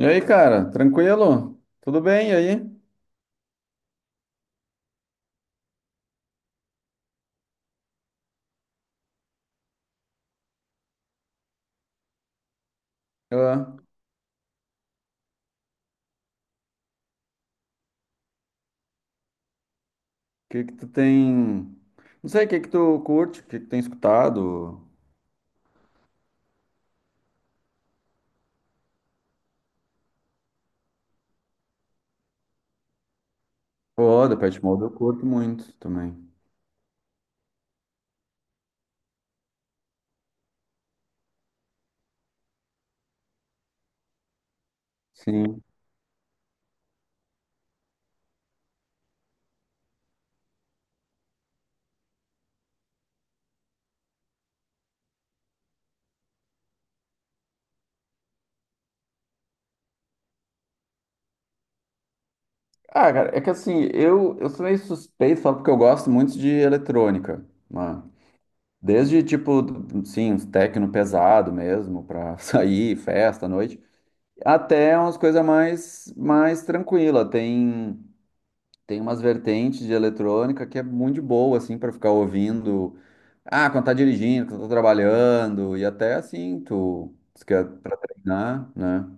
E aí, cara, tranquilo? Tudo bem? E aí? O que que tu tem? Não sei, o que que tu curte? O que que tem escutado? Pô, The Pet Mode eu curto muito também. Sim. Ah, cara, é que assim, eu sou meio suspeito, só porque eu gosto muito de eletrônica, mano. Desde, tipo, sim, uns techno pesado mesmo, pra sair, festa à noite, até umas coisas mais tranquila. Tem, tem umas vertentes de eletrônica que é muito de boa, assim, para ficar ouvindo. Ah, quando tá dirigindo, quando tá trabalhando, e até assim, tu, se quer pra treinar, né?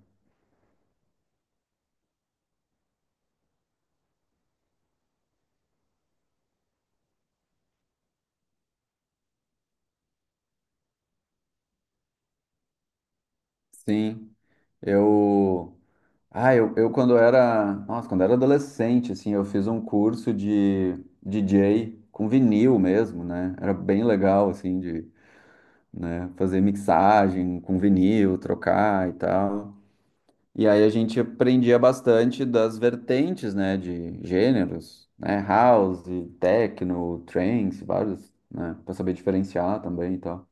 Sim, eu. Ah, eu quando era... Nossa, quando era adolescente, assim, eu fiz um curso de DJ com vinil mesmo, né? Era bem legal, assim, de, né, fazer mixagem com vinil, trocar e tal. E aí a gente aprendia bastante das vertentes, né, de gêneros, né, house, techno, trance, vários, né, para saber diferenciar também e tal.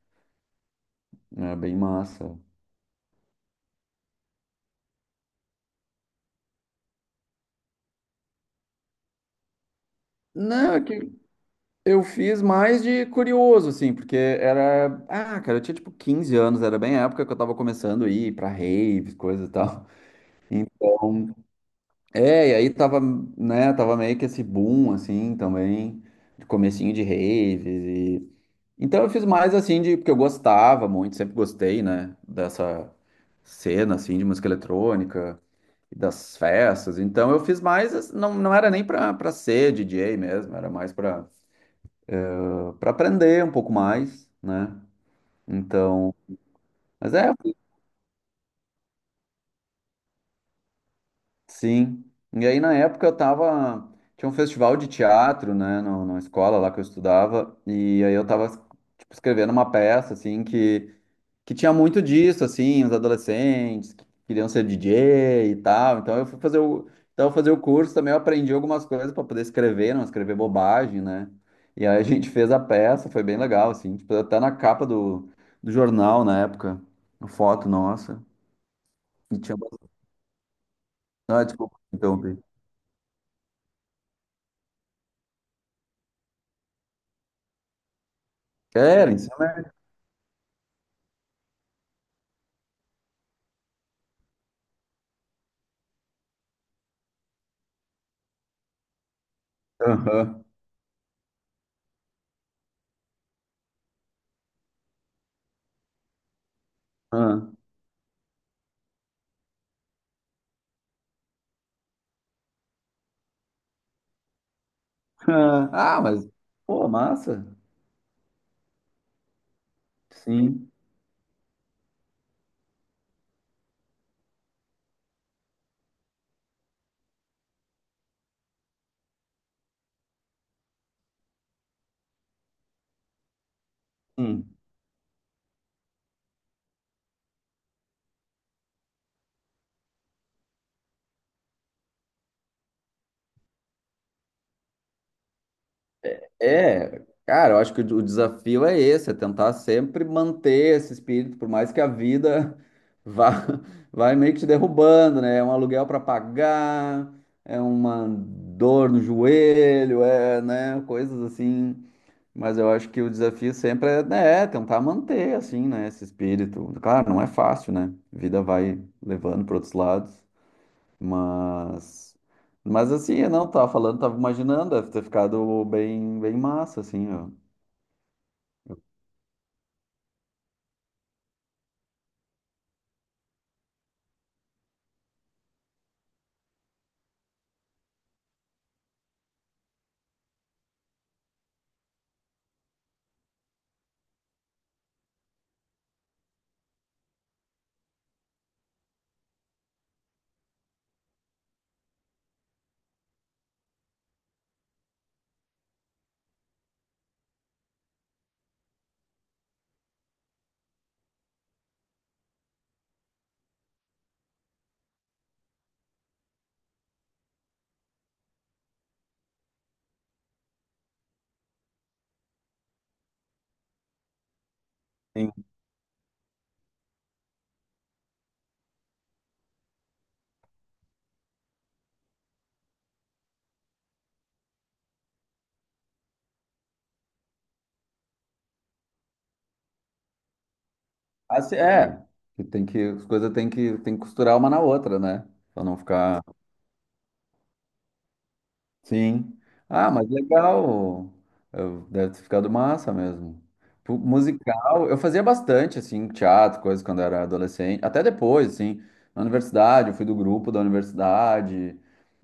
Era bem massa. Não, é que eu fiz mais de curioso, assim, porque era... Ah, cara, eu tinha tipo 15 anos, era bem a época que eu tava começando a ir pra raves, coisa e tal. Então, é, e aí tava, né, tava meio que esse boom, assim, também, de comecinho de raves. Então eu fiz mais assim de porque eu gostava muito, sempre gostei, né, dessa cena assim de música eletrônica e das festas. Então eu fiz mais, assim, não, não era nem pra para ser DJ mesmo, era mais pra para aprender um pouco mais, né? Então, mas é, sim. E aí na época eu tava, tinha um festival de teatro, né, no, na escola lá que eu estudava, e aí eu tava, tipo, escrevendo uma peça assim que tinha muito disso, assim, os adolescentes que queriam ser DJ e tal. Então eu fui fazer o, então eu fazer o curso também, eu aprendi algumas coisas para poder escrever, não escrever bobagem, né? E aí a gente fez a peça, foi bem legal, assim, tipo, até na capa do, do jornal na época, uma foto nossa. E tinha... Ah, desculpa, interrompi. Era, isso mesmo. Aham. Aham. Ah, mas, pô, massa. Sim. Hum. É, cara, eu acho que o desafio é esse, é tentar sempre manter esse espírito, por mais que a vida vá, vai meio que te derrubando, né? É um aluguel para pagar, é uma dor no joelho, é, né? Coisas assim. Mas eu acho que o desafio sempre é, né, é tentar manter, assim, né, esse espírito. Claro, não é fácil, né? A vida vai levando para outros lados, mas, mas assim, eu não tava falando, tava imaginando, deve ter ficado bem massa, assim, ó. Sim. Assim, é, que tem que, as coisas tem que costurar uma na outra, né? Pra não ficar... Sim. Ah, mas legal. Eu... deve ter ficado massa mesmo. Pu... Musical, eu fazia bastante, assim, teatro, coisas quando era adolescente. Até depois, assim, na universidade, eu fui do grupo da universidade.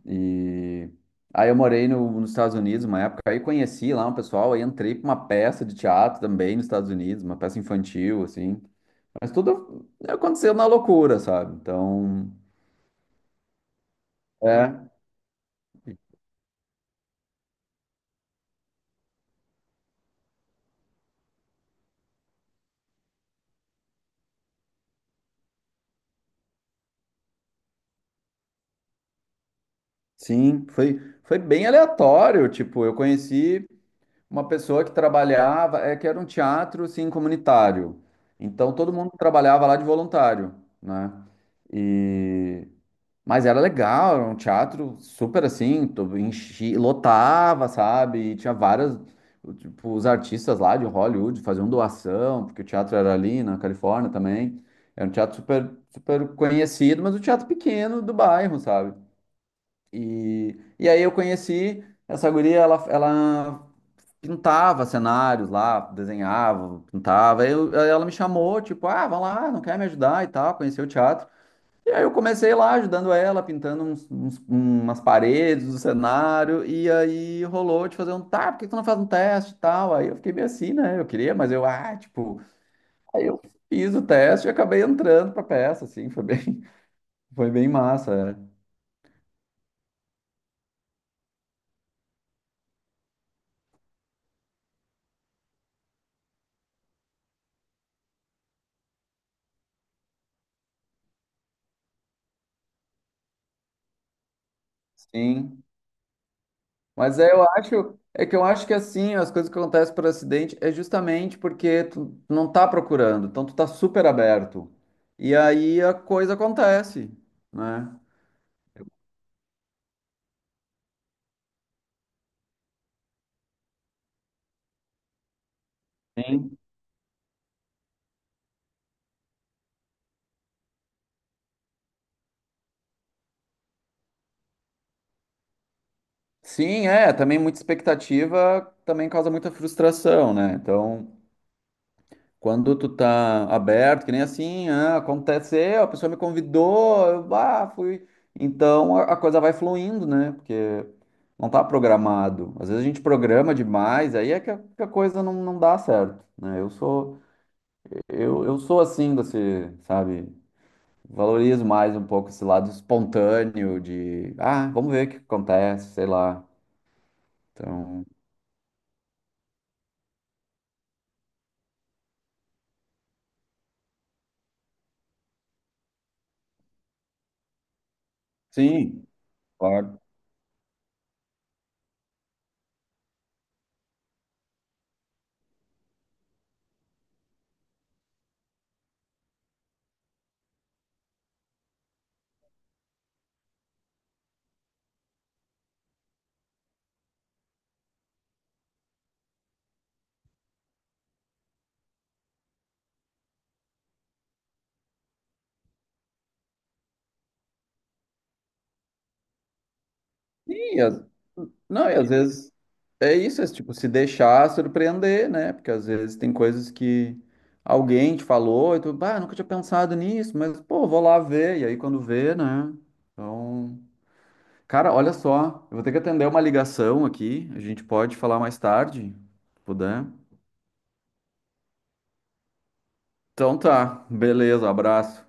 E aí eu morei no... nos Estados Unidos uma época, aí conheci lá um pessoal, aí entrei pra uma peça de teatro também nos Estados Unidos, uma peça infantil, assim. Mas tudo aconteceu na loucura, sabe? Então, é. Sim, foi, foi bem aleatório. Tipo, eu conheci uma pessoa que trabalhava, é que era um teatro assim, comunitário. Então todo mundo trabalhava lá de voluntário, né? E... Mas era legal, era um teatro super assim, to- enchi, lotava, sabe? E tinha várias, tipo, os artistas lá de Hollywood faziam doação, porque o teatro era ali na Califórnia também. Era um teatro super conhecido, mas um teatro pequeno do bairro, sabe? E aí eu conheci essa guria, ela pintava cenários lá, desenhava, pintava. Aí eu... aí ela me chamou, tipo, ah, vamos lá, não quer me ajudar e tal, conhecer o teatro. E aí eu comecei lá ajudando ela, pintando uns... uns... umas paredes do cenário, e aí rolou de fazer um, tá, por que que tu não faz um teste e tal? Aí eu fiquei meio assim, né? Eu queria, mas eu, ah, tipo, aí eu fiz o teste e acabei entrando pra peça, assim, foi bem, foi bem massa, é. Sim. Mas é, eu acho, é que eu acho que assim, as coisas que acontecem por acidente é justamente porque tu não tá procurando, então tu tá super aberto. E aí a coisa acontece, né? Sim. Sim, é, também muita expectativa também causa muita frustração, né? Então, quando tu tá aberto, que nem assim, ah, aconteceu, a pessoa me convidou, eu, ah, fui. Então a coisa vai fluindo, né? Porque não tá programado. Às vezes a gente programa demais, aí é que a coisa não, não dá certo, né? Eu sou, eu sou assim, desse, sabe? Valorizo mais um pouco esse lado espontâneo de, ah, vamos ver o que acontece, sei lá. Então, sim, claro. Sim, às... não, e às vezes é isso, é tipo, se deixar surpreender, né? Porque às vezes tem coisas que alguém te falou e tu, bah, nunca tinha pensado nisso, mas pô, vou lá ver. E aí quando vê, né? Então, cara, olha só, eu vou ter que atender uma ligação aqui, a gente pode falar mais tarde, se puder. Então tá, beleza, abraço.